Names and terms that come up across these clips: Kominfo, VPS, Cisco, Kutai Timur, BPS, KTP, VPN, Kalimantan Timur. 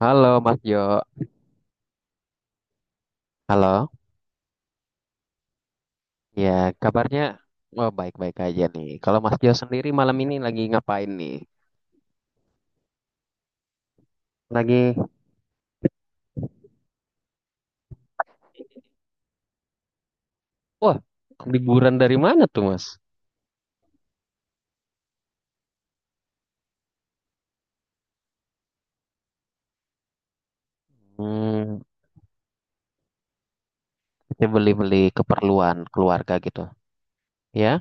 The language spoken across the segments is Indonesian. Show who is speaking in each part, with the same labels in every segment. Speaker 1: Halo Mas Jo, halo. Ya, kabarnya oh, baik-baik aja nih. Kalau Mas Jo sendiri malam ini lagi ngapain nih? Lagi, wah, liburan dari mana tuh Mas? Hmm, kita beli-beli keperluan keluarga gitu. Ya,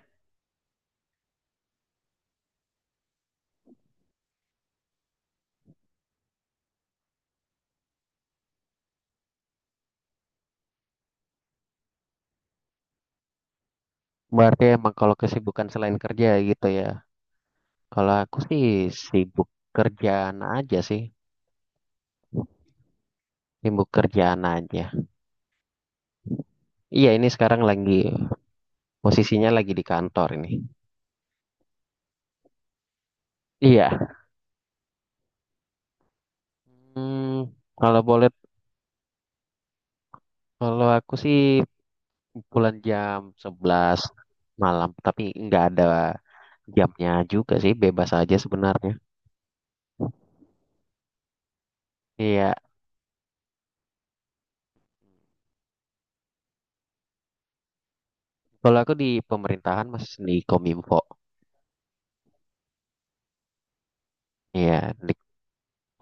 Speaker 1: berarti emang kalau kesibukan selain kerja gitu ya. Kalau aku sih sibuk kerjaan aja sih, sibuk kerjaan aja. Iya, ini sekarang lagi posisinya lagi di kantor ini. Iya. Hmm, kalau boleh, kalau aku sih pulang jam 11 malam, tapi nggak ada jamnya juga sih, bebas aja sebenarnya. Iya, kalau aku di pemerintahan mas di Kominfo. Iya, di,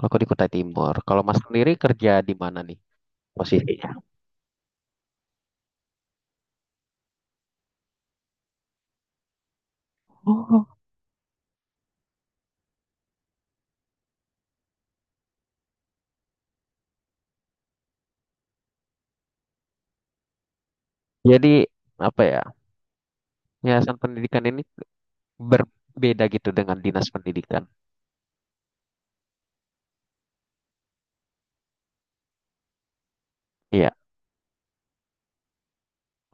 Speaker 1: aku di Kutai Timur. Kalau mas sendiri kerja di mana nih posisinya? Oh. Jadi apa ya? Yayasan pendidikan ini berbeda gitu dengan dinas pendidikan. Iya.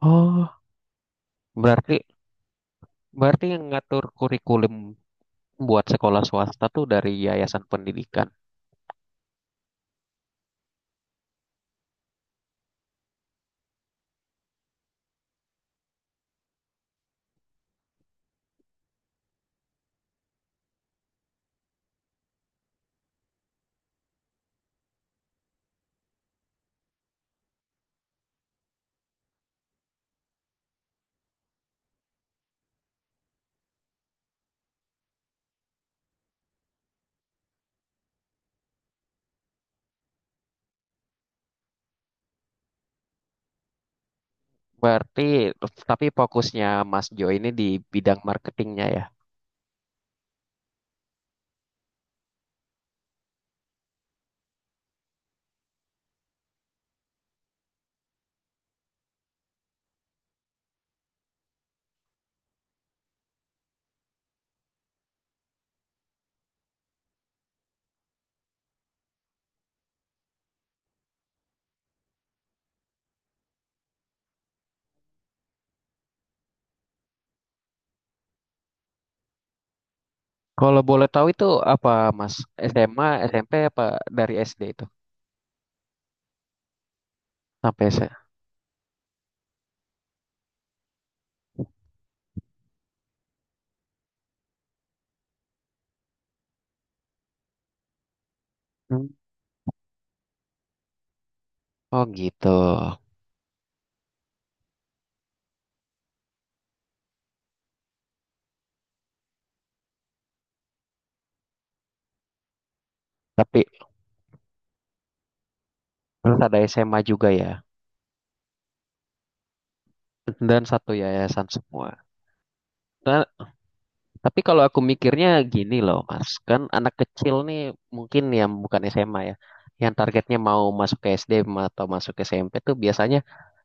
Speaker 1: Oh, berarti berarti yang ngatur kurikulum buat sekolah swasta tuh dari yayasan pendidikan. Berarti, tapi fokusnya Mas Jo ini di bidang marketingnya ya. Kalau boleh tahu itu apa Mas? SMA, SMP apa dari SD itu sampai SMA? Oh gitu. Tapi terus ada SMA juga ya. Dan satu yayasan semua. Nah, tapi kalau aku mikirnya gini loh Mas, kan anak kecil nih mungkin yang bukan SMA ya, yang targetnya mau masuk ke SD atau masuk ke SMP tuh biasanya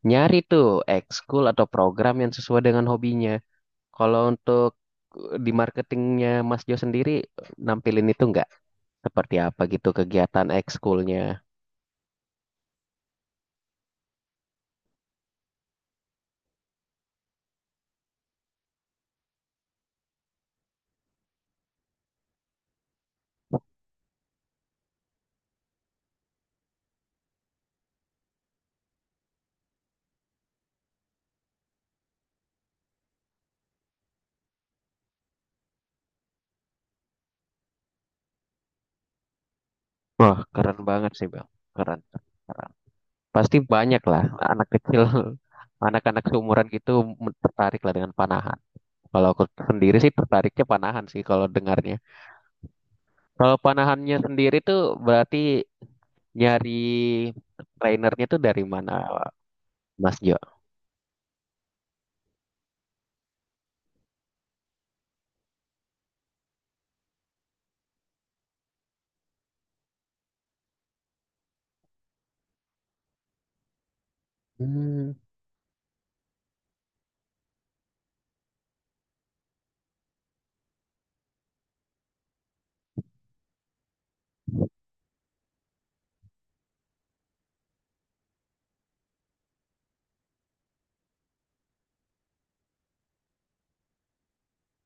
Speaker 1: nyari tuh ekskul atau program yang sesuai dengan hobinya. Kalau untuk di marketingnya Mas Jo sendiri, nampilin itu nggak? Seperti apa gitu kegiatan ekskulnya? Wah, keren banget sih Bang. Keren. Pasti banyak lah anak kecil, anak-anak seumuran gitu tertarik lah dengan panahan. Kalau aku sendiri sih tertariknya panahan sih kalau dengarnya. Kalau panahannya sendiri tuh berarti nyari trainernya tuh dari mana Mas Jo? Hmm.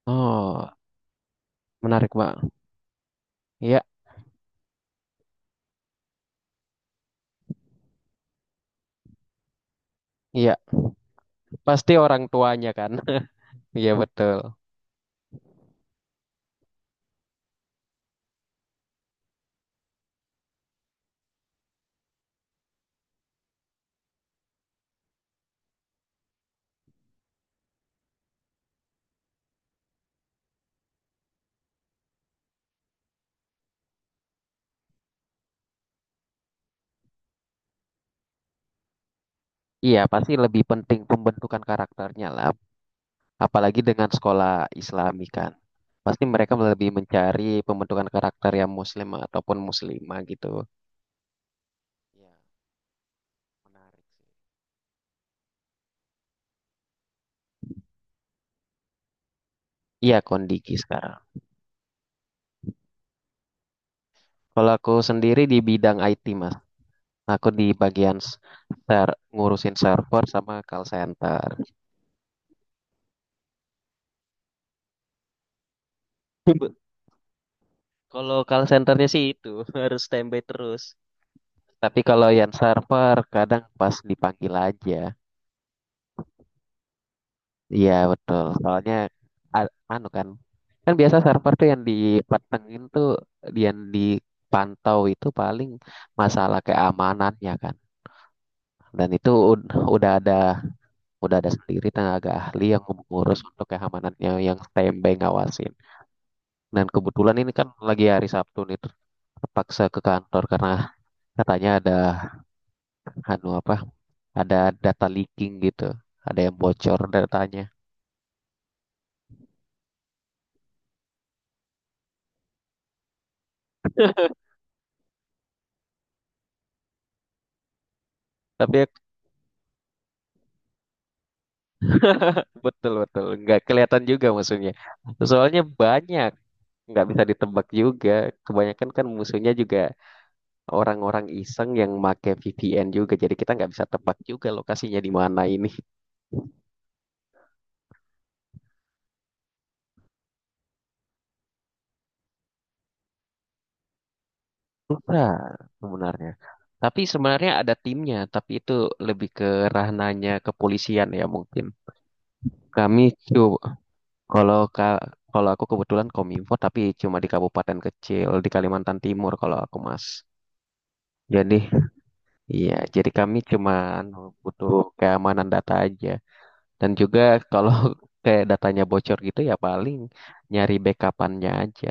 Speaker 1: Oh, menarik Bang. Iya, iya. Pasti orang tuanya kan. Iya betul. Iya pasti lebih penting pembentukan karakternya lah. Apalagi dengan sekolah Islami kan. Pasti mereka lebih mencari pembentukan karakter yang muslim ataupun muslimah gitu. Iya, menarik sih. Iya kondisi sekarang. Kalau aku sendiri di bidang IT mas, aku di bagian s- ser ngurusin server sama call center. Kalau call centernya sih itu harus standby terus. Tapi kalau yang server kadang pas dipanggil aja. Iya betul. Soalnya anu kan biasa server tuh yang dipantengin tuh yang dipantau itu paling masalah keamanannya kan. Dan itu udah ada udah ada sendiri tenaga ahli yang mengurus untuk keamanannya yang standby ngawasin. Dan kebetulan ini kan lagi hari Sabtu nih terpaksa ke kantor karena katanya ada anu apa ada data leaking gitu, ada yang bocor datanya. Tapi Betul betul nggak kelihatan juga musuhnya. Soalnya banyak nggak bisa ditebak juga. Kebanyakan kan musuhnya juga orang-orang iseng yang make VPN juga. Jadi kita nggak bisa tebak juga lokasinya di mana ini. Susah sebenarnya. Tapi sebenarnya ada timnya. Tapi itu lebih ke ranahnya kepolisian ya mungkin. Kami coba kalau ka- kalau aku kebetulan kominfo tapi cuma di kabupaten kecil di Kalimantan Timur kalau aku mas. Jadi Iya, jadi kami cuma anu, butuh keamanan data aja. Dan juga kalau kayak datanya bocor gitu ya paling nyari backupannya aja.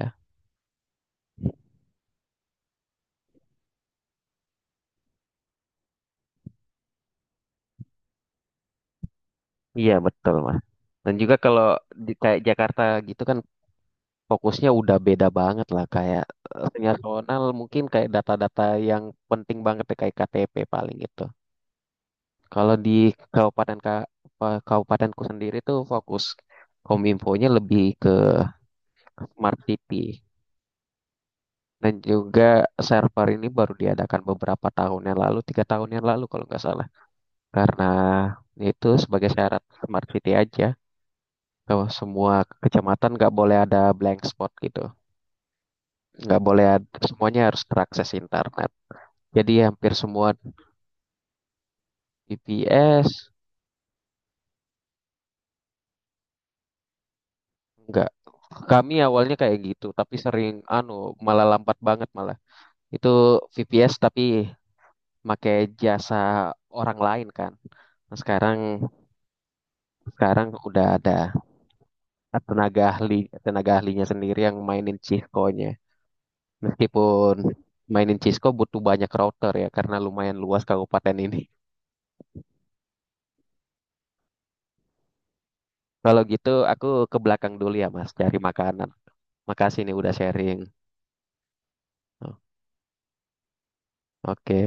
Speaker 1: Iya betul mas. Dan juga kalau di kayak Jakarta gitu kan fokusnya udah beda banget lah kayak nasional mungkin kayak data-data yang penting banget ya, kayak KTP paling gitu. Kalau di kabupaten kabupatenku sendiri tuh fokus kominfonya lebih ke smart city. Dan juga server ini baru diadakan beberapa tahun yang lalu, 3 tahun yang lalu kalau nggak salah. Karena itu sebagai syarat smart city aja. Kalau semua kecamatan nggak boleh ada blank spot gitu. Nggak boleh ada, semuanya harus terakses internet. Jadi hampir semua BPS, nggak. Kami awalnya kayak gitu, tapi sering anu malah lambat banget malah. Itu VPS tapi pakai jasa orang lain kan. Nah, sekarang sekarang udah ada tenaga ahli tenaga ahlinya sendiri yang mainin Cisco-nya. Meskipun mainin Cisco butuh banyak router ya karena lumayan luas kabupaten ini. Kalau gitu aku ke belakang dulu ya Mas cari makanan. Makasih nih udah sharing. Oh, oke.